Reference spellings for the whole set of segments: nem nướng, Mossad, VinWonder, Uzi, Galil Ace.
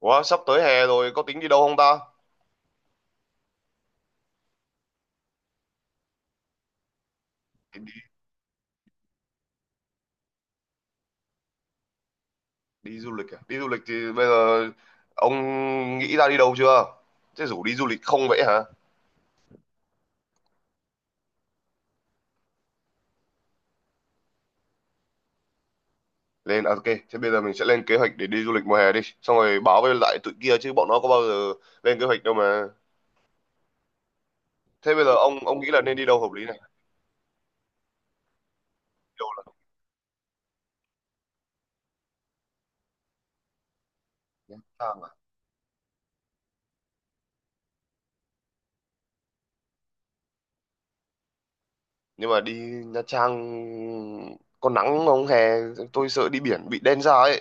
Ủa, sắp tới hè rồi có tính đi đâu không ta? Đi, đi, đi du lịch à? Đi du lịch thì bây giờ ông nghĩ ra đi đâu chưa? Thế rủ đi du lịch không vậy hả? Lên à, ok, thế bây giờ mình sẽ lên kế hoạch để đi du lịch mùa hè đi. Xong rồi báo với lại tụi kia chứ bọn nó có bao giờ lên kế hoạch đâu mà. Thế bây giờ ông nghĩ là nên đi đâu hợp lý này? Đi đâu là Nha Trang à? Nhưng mà đi Nha Trang có nắng không hè? Tôi sợ đi biển bị đen da ấy.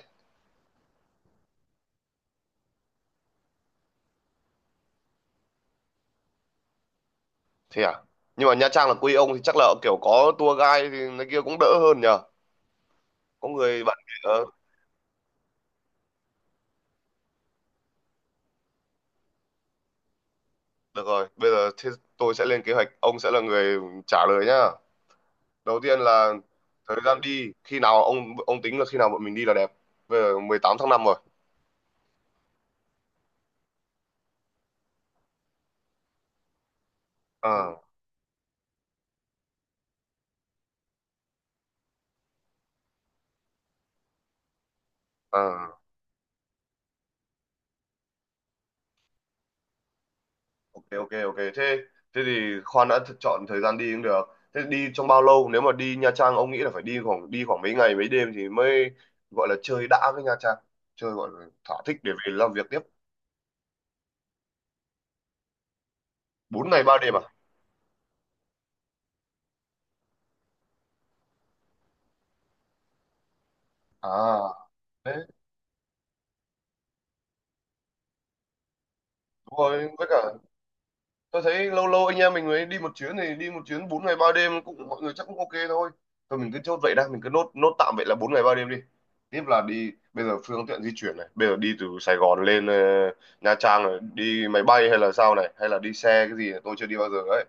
Thế à? Nhưng mà Nha Trang là quê ông thì chắc là kiểu có tour guide thì nó kia cũng đỡ hơn nhỉ? Có người bạn. Ờ Được rồi, bây giờ thế tôi sẽ lên kế hoạch, ông sẽ là người trả lời nhá. Đầu tiên là thời gian đi khi nào, ông tính là khi nào bọn mình đi là đẹp? Bây giờ 18 tháng 5 rồi. À, à, ok ok ok, thế thế thì khoan đã, chọn thời gian đi cũng được. Thế đi trong bao lâu, nếu mà đi Nha Trang ông nghĩ là phải đi khoảng mấy ngày mấy đêm thì mới gọi là chơi đã với Nha Trang, chơi gọi là thỏa thích để về làm việc tiếp? 4 ngày 3 đêm à? À, đấy, đúng rồi, với cả tôi thấy lâu lâu anh em mình mới đi một chuyến thì đi một chuyến 4 ngày 3 đêm cũng mọi người chắc cũng ok thôi. Thôi mình cứ chốt vậy đã, mình cứ nốt nốt tạm vậy là 4 ngày 3 đêm đi. Tiếp là đi, bây giờ phương tiện di chuyển này, bây giờ đi từ Sài Gòn lên Nha Trang này đi máy bay hay là sao này, hay là đi xe cái gì này, tôi chưa đi bao giờ ấy.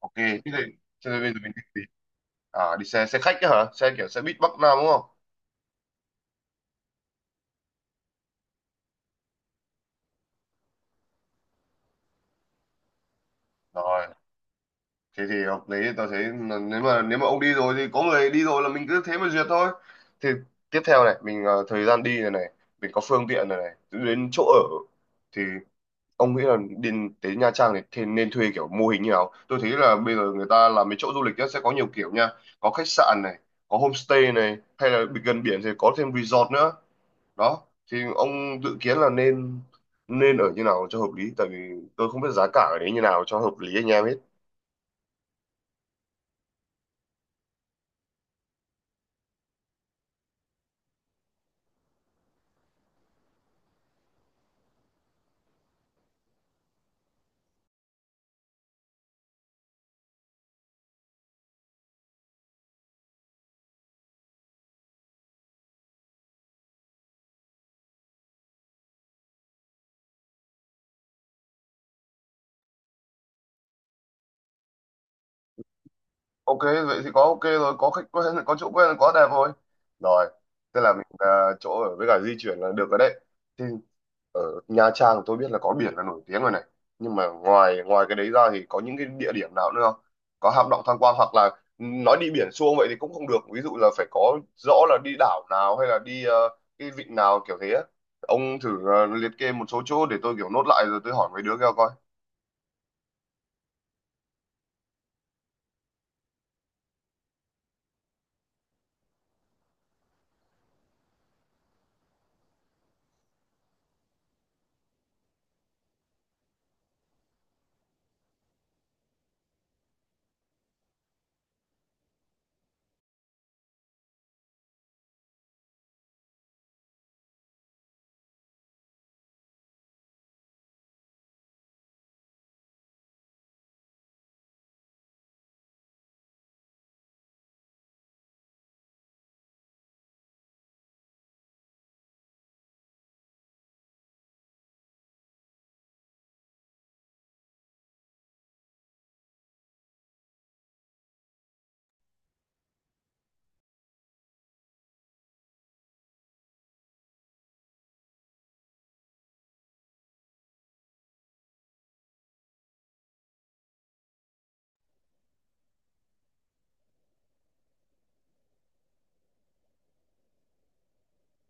Ok thế thì bây giờ mình đi gì? À đi xe xe khách ấy hả, xe kiểu xe buýt Bắc Nam đúng không? Rồi, thế thì hợp lý, tao thấy là nếu mà ông đi rồi thì có người đi rồi là mình cứ thế mà duyệt thôi. Thì tiếp theo này mình thời gian đi này này, mình có phương tiện này này, đến chỗ ở thì ông nghĩ là đi tới Nha Trang này thì nên thuê kiểu mô hình như nào? Tôi thấy là bây giờ người ta làm mấy chỗ du lịch á, sẽ có nhiều kiểu nha, có khách sạn này, có homestay này, hay là gần biển thì có thêm resort nữa đó. Thì ông dự kiến là nên nên ở như nào cho hợp lý, tại vì tôi không biết giá cả ở đấy như nào cho hợp lý anh em hết. Ok vậy thì có ok rồi, có khách quen, có chỗ quen, có đẹp rồi. Rồi, thế là mình chỗ ở với cả di chuyển là được rồi đấy. Thì ở Nha Trang tôi biết là có biển là nổi tiếng rồi này, nhưng mà ngoài ngoài cái đấy ra thì có những cái địa điểm nào nữa không, có hang động tham quan hoặc là nói đi biển xuông vậy thì cũng không được, ví dụ là phải có rõ là đi đảo nào hay là đi cái vịnh nào kiểu thế á. Ông thử liệt kê một số chỗ để tôi kiểu nốt lại rồi tôi hỏi mấy đứa kia coi.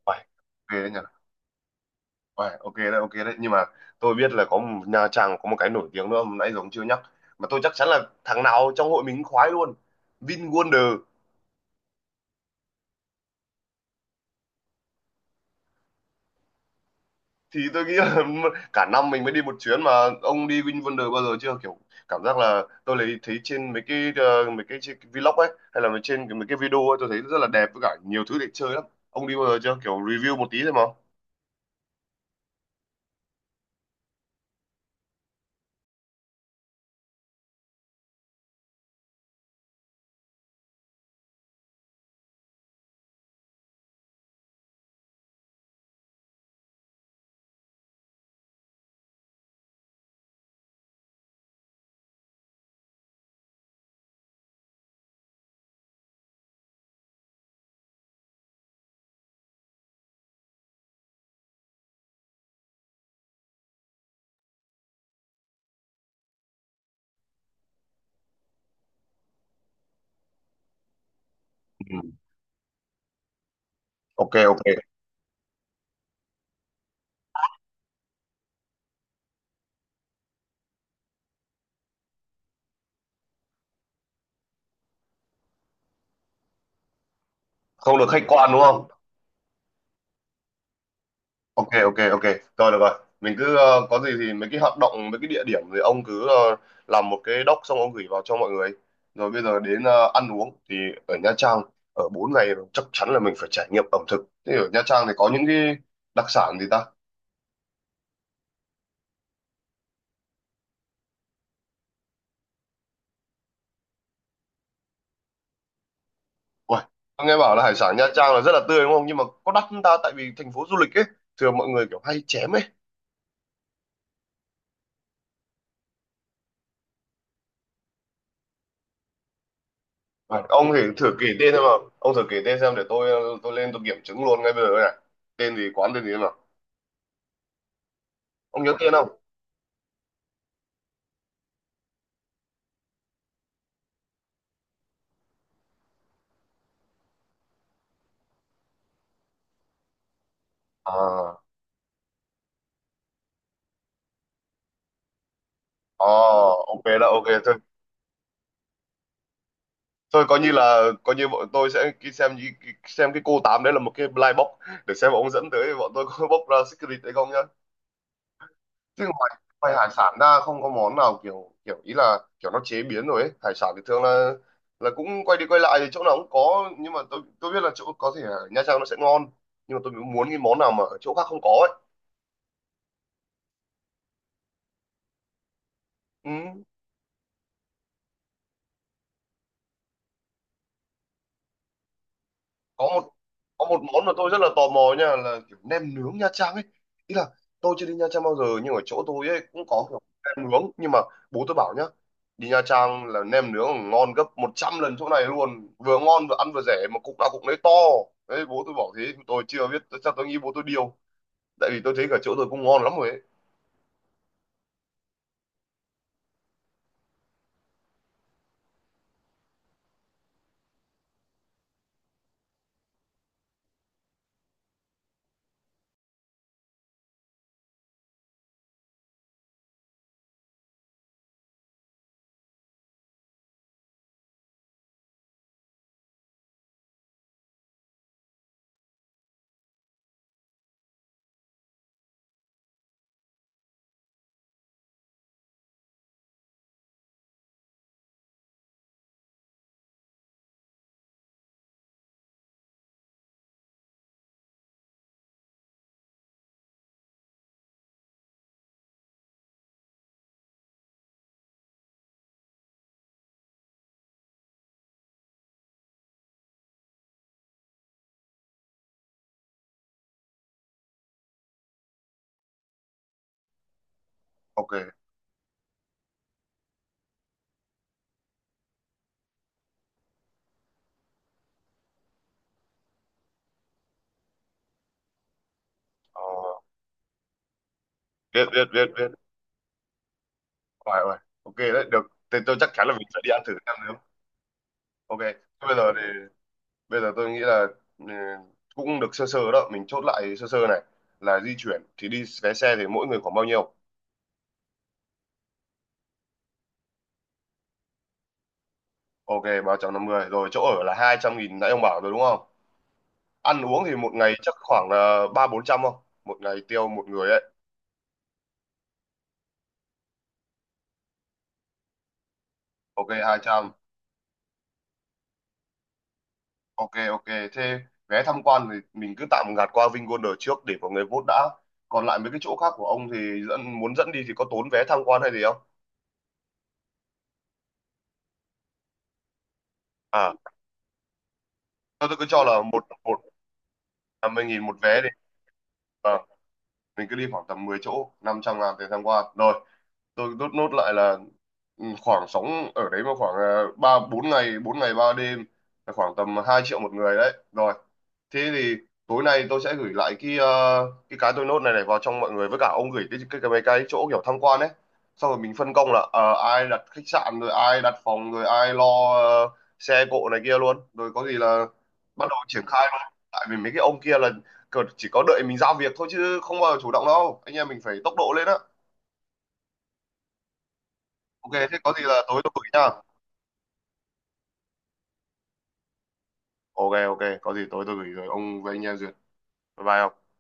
Uầy, về Uầy, ok đấy, ok đấy. Nhưng mà tôi biết là Nha Trang có một cái nổi tiếng nữa mà nãy giờ ông chưa nhắc. Mà tôi chắc chắn là thằng nào trong hội mình cũng khoái luôn. VinWonder. Thì tôi nghĩ là cả năm mình mới đi một chuyến mà. Ông đi VinWonder bao giờ chưa? Kiểu cảm giác là tôi lấy thấy trên mấy cái ờ, mấy cái, chi- vlog ấy hay là mấy cái video ấy tôi thấy rất là đẹp với cả nhiều thứ để chơi lắm. Ông đi bao giờ chưa? Kiểu review một tí thôi mà. Ừ. Ok ok. Không được khách quan đúng không? Ok ok ok, rồi được rồi. Mình cứ có gì thì mấy cái hoạt động mấy cái địa điểm thì ông cứ làm một cái doc xong ông gửi vào cho mọi người. Rồi bây giờ đến ăn uống thì ở Nha Trang ở 4 ngày rồi, chắc chắn là mình phải trải nghiệm ẩm thực, thế ở Nha Trang thì có những cái đặc sản gì ta? Uầy, tôi nghe bảo là hải sản Nha Trang là rất là tươi đúng không, nhưng mà có đắt không ta, tại vì thành phố du lịch ấy thường mọi người kiểu hay chém ấy. Uầy, ông thì thử kể tên xem nào, ông thử kể tên xem để tôi tôi lên tôi kiểm chứng luôn ngay bây giờ này, tên gì quán tên gì xem nào, ông nhớ tên không? À. Ờ, ok đó, ok thôi. Thôi coi như là coi như bọn tôi sẽ xem cái cô tám đấy là một cái blind box để xem ông dẫn tới bọn tôi có bóc ra secret hay không nhá. Chứ ngoài ngoài hải sản ra không có món nào kiểu kiểu ý là kiểu nó chế biến rồi ấy. Hải sản thì thường là cũng quay đi quay lại thì chỗ nào cũng có, nhưng mà tôi biết là chỗ có thể ở Nha Trang nó sẽ ngon nhưng mà tôi muốn cái món nào mà ở chỗ khác không có ấy. Ừ. có một có một món mà tôi rất là tò mò nha, là kiểu nem nướng Nha Trang ấy, ý là tôi chưa đi Nha Trang bao giờ nhưng ở chỗ tôi ấy cũng có kiểu nem nướng, nhưng mà bố tôi bảo nhá, đi Nha Trang là nem nướng ngon gấp 100 lần chỗ này luôn, vừa ngon vừa ăn vừa rẻ mà cục nào cục nấy to, đấy bố tôi bảo thế, tôi chưa biết chắc, tôi nghĩ bố tôi điêu, tại vì tôi thấy cả chỗ tôi cũng ngon lắm rồi ấy. Ok. ờ, Biết biết biết biết. Phải rồi. Ok đấy, được, thì tôi chắc chắn là mình sẽ đi ăn thử nem nướng. Ok thế bây giờ thì bây giờ tôi nghĩ là ừ, cũng được sơ sơ đó, mình chốt lại sơ sơ này, là di chuyển thì đi vé xe thì mỗi người khoảng bao nhiêu? Ok 350 rồi, chỗ ở là 200.000 nãy ông bảo rồi đúng không? Ăn uống thì một ngày chắc khoảng là ba bốn trăm không, một ngày tiêu một người ấy? Ok 200. Ok ok thế vé tham quan thì mình cứ tạm gạt qua Vingolder trước để mọi người vote đã, còn lại mấy cái chỗ khác của ông thì muốn dẫn đi thì có tốn vé tham quan hay gì không? À, tôi cứ cho là một một 50.000 một vé đi, mình cứ đi khoảng tầm 10 chỗ 500.000 tiền tham quan rồi. Tôi rút nốt lại là ừ, khoảng sóng ở đấy mà khoảng ba bốn ngày 4 ngày 3 đêm là khoảng tầm 2 triệu một người đấy rồi. Thế thì tối nay tôi sẽ gửi lại cái cái tôi nốt này này vào trong mọi người, với cả ông gửi cái mấy cái chỗ kiểu tham quan ấy, xong rồi mình phân công là ai đặt khách sạn rồi ai đặt phòng rồi ai lo ờ, xe cộ này kia luôn, rồi có gì là bắt đầu triển khai luôn, tại vì mấy cái ông kia là chỉ có đợi mình giao việc thôi chứ không bao giờ chủ động đâu, anh em mình phải tốc độ lên á. Ok thế có gì là tối tôi gửi nha. Ok ok có gì tối tôi gửi rồi ông với anh em duyệt. Bye bye ông.